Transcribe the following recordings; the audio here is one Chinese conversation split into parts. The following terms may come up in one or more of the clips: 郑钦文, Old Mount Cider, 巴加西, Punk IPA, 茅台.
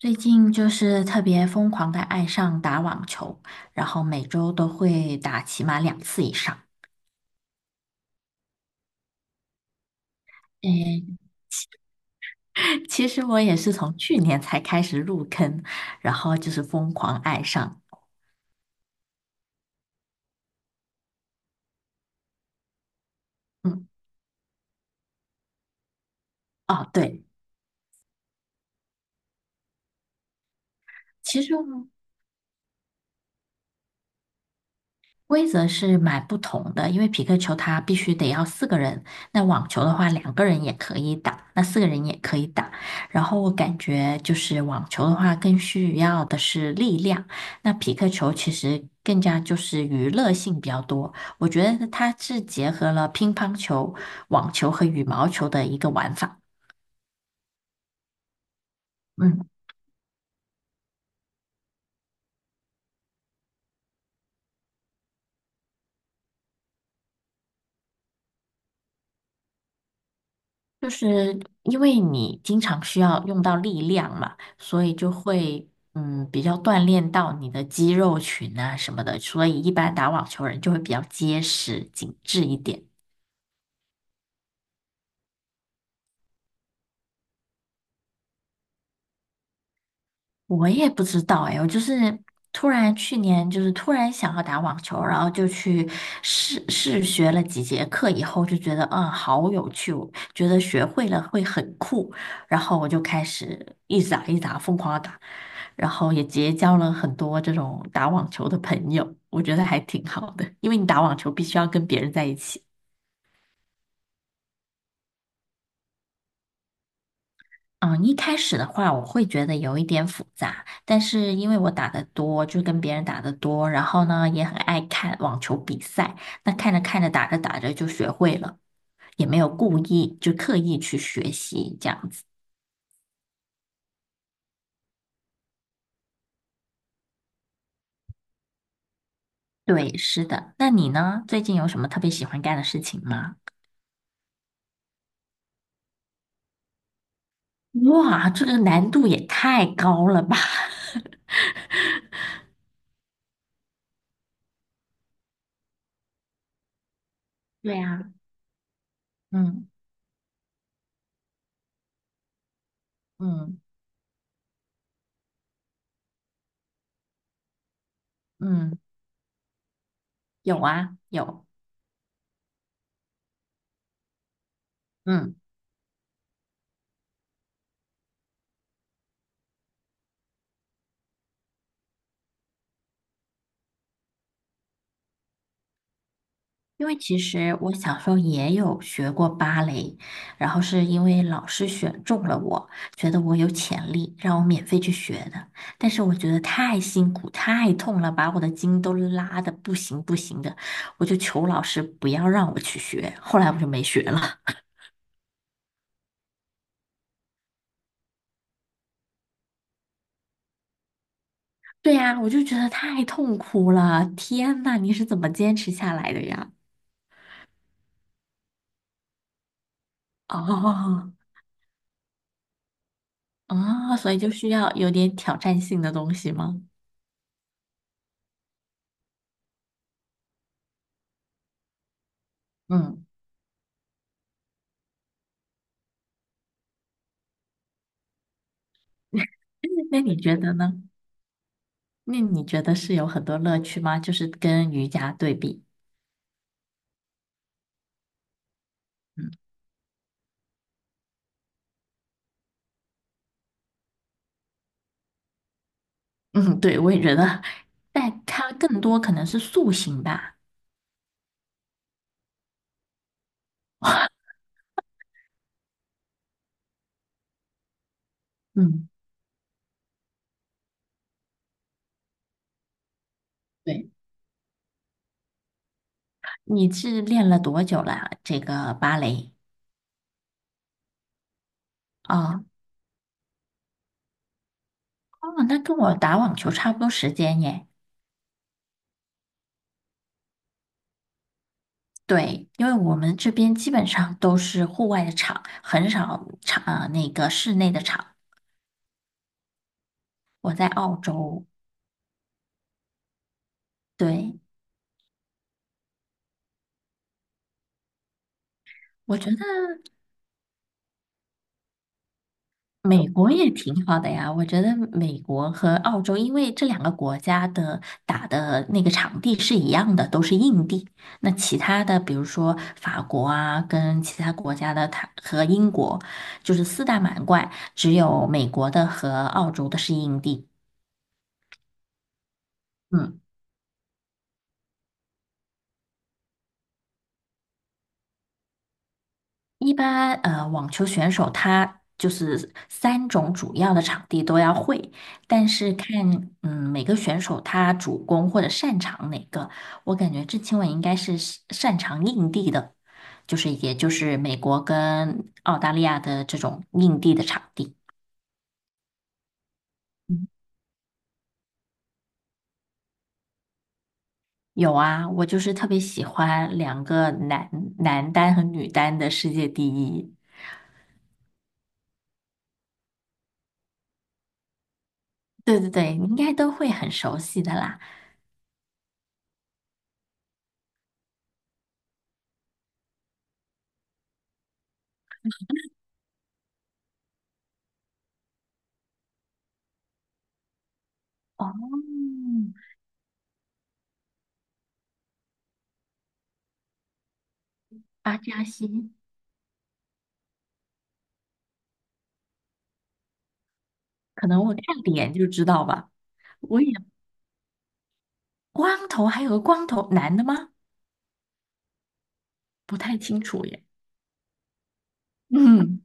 最近就是特别疯狂的爱上打网球，然后每周都会打起码两次以上。诶，其实我也是从去年才开始入坑，然后就是疯狂爱上。嗯，哦，对，其实我规则是蛮不同的，因为匹克球它必须得要四个人，那网球的话两个人也可以打，那四个人也可以打。然后我感觉就是网球的话更需要的是力量，那匹克球其实更加就是娱乐性比较多。我觉得它是结合了乒乓球、网球和羽毛球的一个玩法。嗯。就是因为你经常需要用到力量嘛，所以就会比较锻炼到你的肌肉群啊什么的，所以一般打网球人就会比较结实紧致一点。我也不知道哎，我就是突然去年就是突然想要打网球，然后就去试试学了几节课以后，就觉得好有趣，我觉得学会了会很酷，然后我就开始一直打一直打疯狂的打，然后也结交了很多这种打网球的朋友，我觉得还挺好的，因为你打网球必须要跟别人在一起。嗯，一开始的话，我会觉得有一点复杂，但是因为我打的多，就跟别人打的多，然后呢，也很爱看网球比赛，那看着看着，打着打着就学会了，也没有故意，就刻意去学习这样子。对，是的。那你呢？最近有什么特别喜欢干的事情吗？哇，这个难度也太高了吧！对呀，嗯嗯嗯，有啊，有，嗯。因为其实我小时候也有学过芭蕾，然后是因为老师选中了我，觉得我有潜力，让我免费去学的。但是我觉得太辛苦、太痛了，把我的筋都拉的不行不行的，我就求老师不要让我去学。后来我就没学了。对呀，我就觉得太痛苦了。天呐，你是怎么坚持下来的呀？哦，哦，所以就需要有点挑战性的东西吗？嗯，那你觉得呢？那你觉得是有很多乐趣吗？就是跟瑜伽对比，嗯嗯，对，我也觉得，但它更多可能是塑形吧。嗯，对，你是练了多久了？这个芭蕾？哦哦，那跟我打网球差不多时间耶。对，因为我们这边基本上都是户外的场，很少场，呃，那个室内的场。我在澳洲，对，我觉得。美国也挺好的呀，我觉得美国和澳洲，因为这两个国家的打的那个场地是一样的，都是硬地。那其他的，比如说法国啊，跟其他国家的它和英国，就是四大满贯，只有美国的和澳洲的是硬地。嗯。一般呃，网球选手他就是三种主要的场地都要会，但是看每个选手他主攻或者擅长哪个，我感觉郑钦文应该是擅长硬地的，就是也就是美国跟澳大利亚的这种硬地的场地。嗯有啊，我就是特别喜欢两个男单和女单的世界第一。对对对，你应该都会很熟悉的啦。哦，巴加西。可能我看脸就知道吧。我也光头，还有个光头男的吗？不太清楚耶。嗯，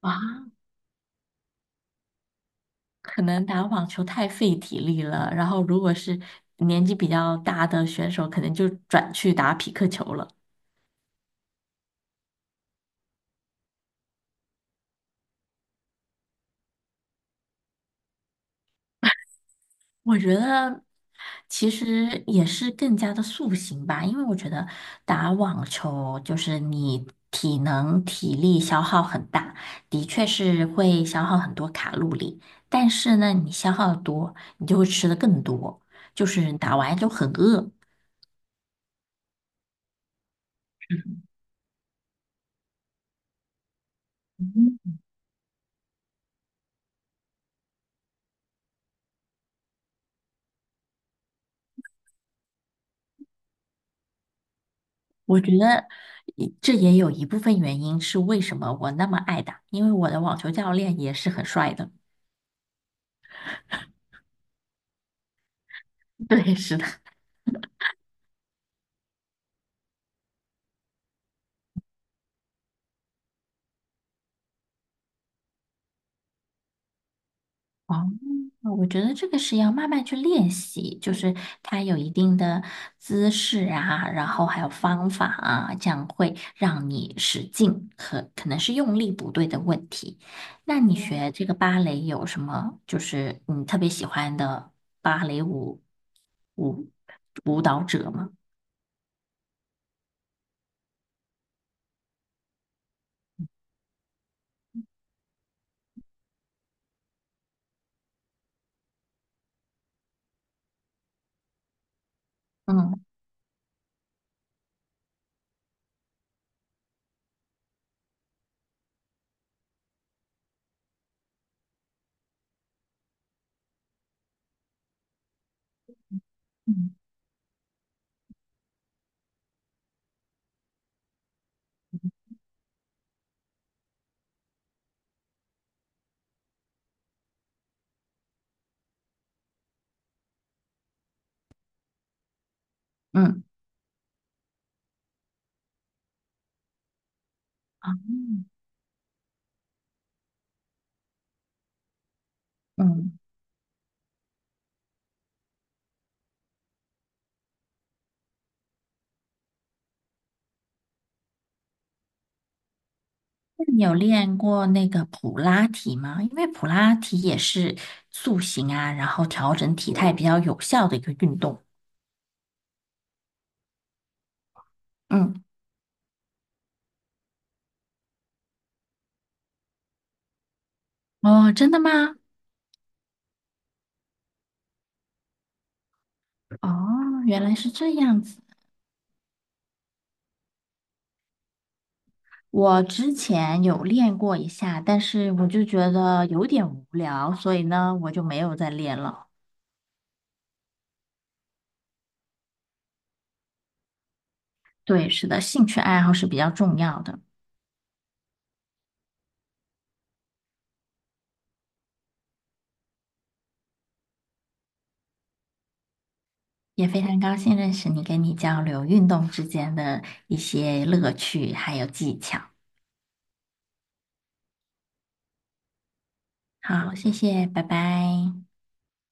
啊，可能打网球太费体力了，然后如果是年纪比较大的选手，可能就转去打匹克球了。我觉得其实也是更加的塑形吧，因为我觉得打网球就是你体能体力消耗很大，的确是会消耗很多卡路里，但是呢，你消耗得多，你就会吃的更多，就是打完就很饿。嗯我觉得这也有一部分原因是为什么我那么爱打，因为我的网球教练也是很帅的。对，是的。哦，我觉得这个是要慢慢去练习，就是它有一定的姿势啊，然后还有方法啊，这样会让你使劲，可能是用力不对的问题。那你学这个芭蕾有什么，就是你特别喜欢的芭蕾舞舞舞蹈者吗？嗯嗯嗯嗯。嗯那你有练过那个普拉提吗？因为普拉提也是塑形啊，然后调整体态比较有效的一个运动。嗯，哦，真的吗？哦，原来是这样子。我之前有练过一下，但是我就觉得有点无聊，所以呢，我就没有再练了。对，是的，兴趣爱好是比较重要的。也非常高兴认识你，跟你交流运动之间的一些乐趣还有技巧。好，谢谢，拜拜。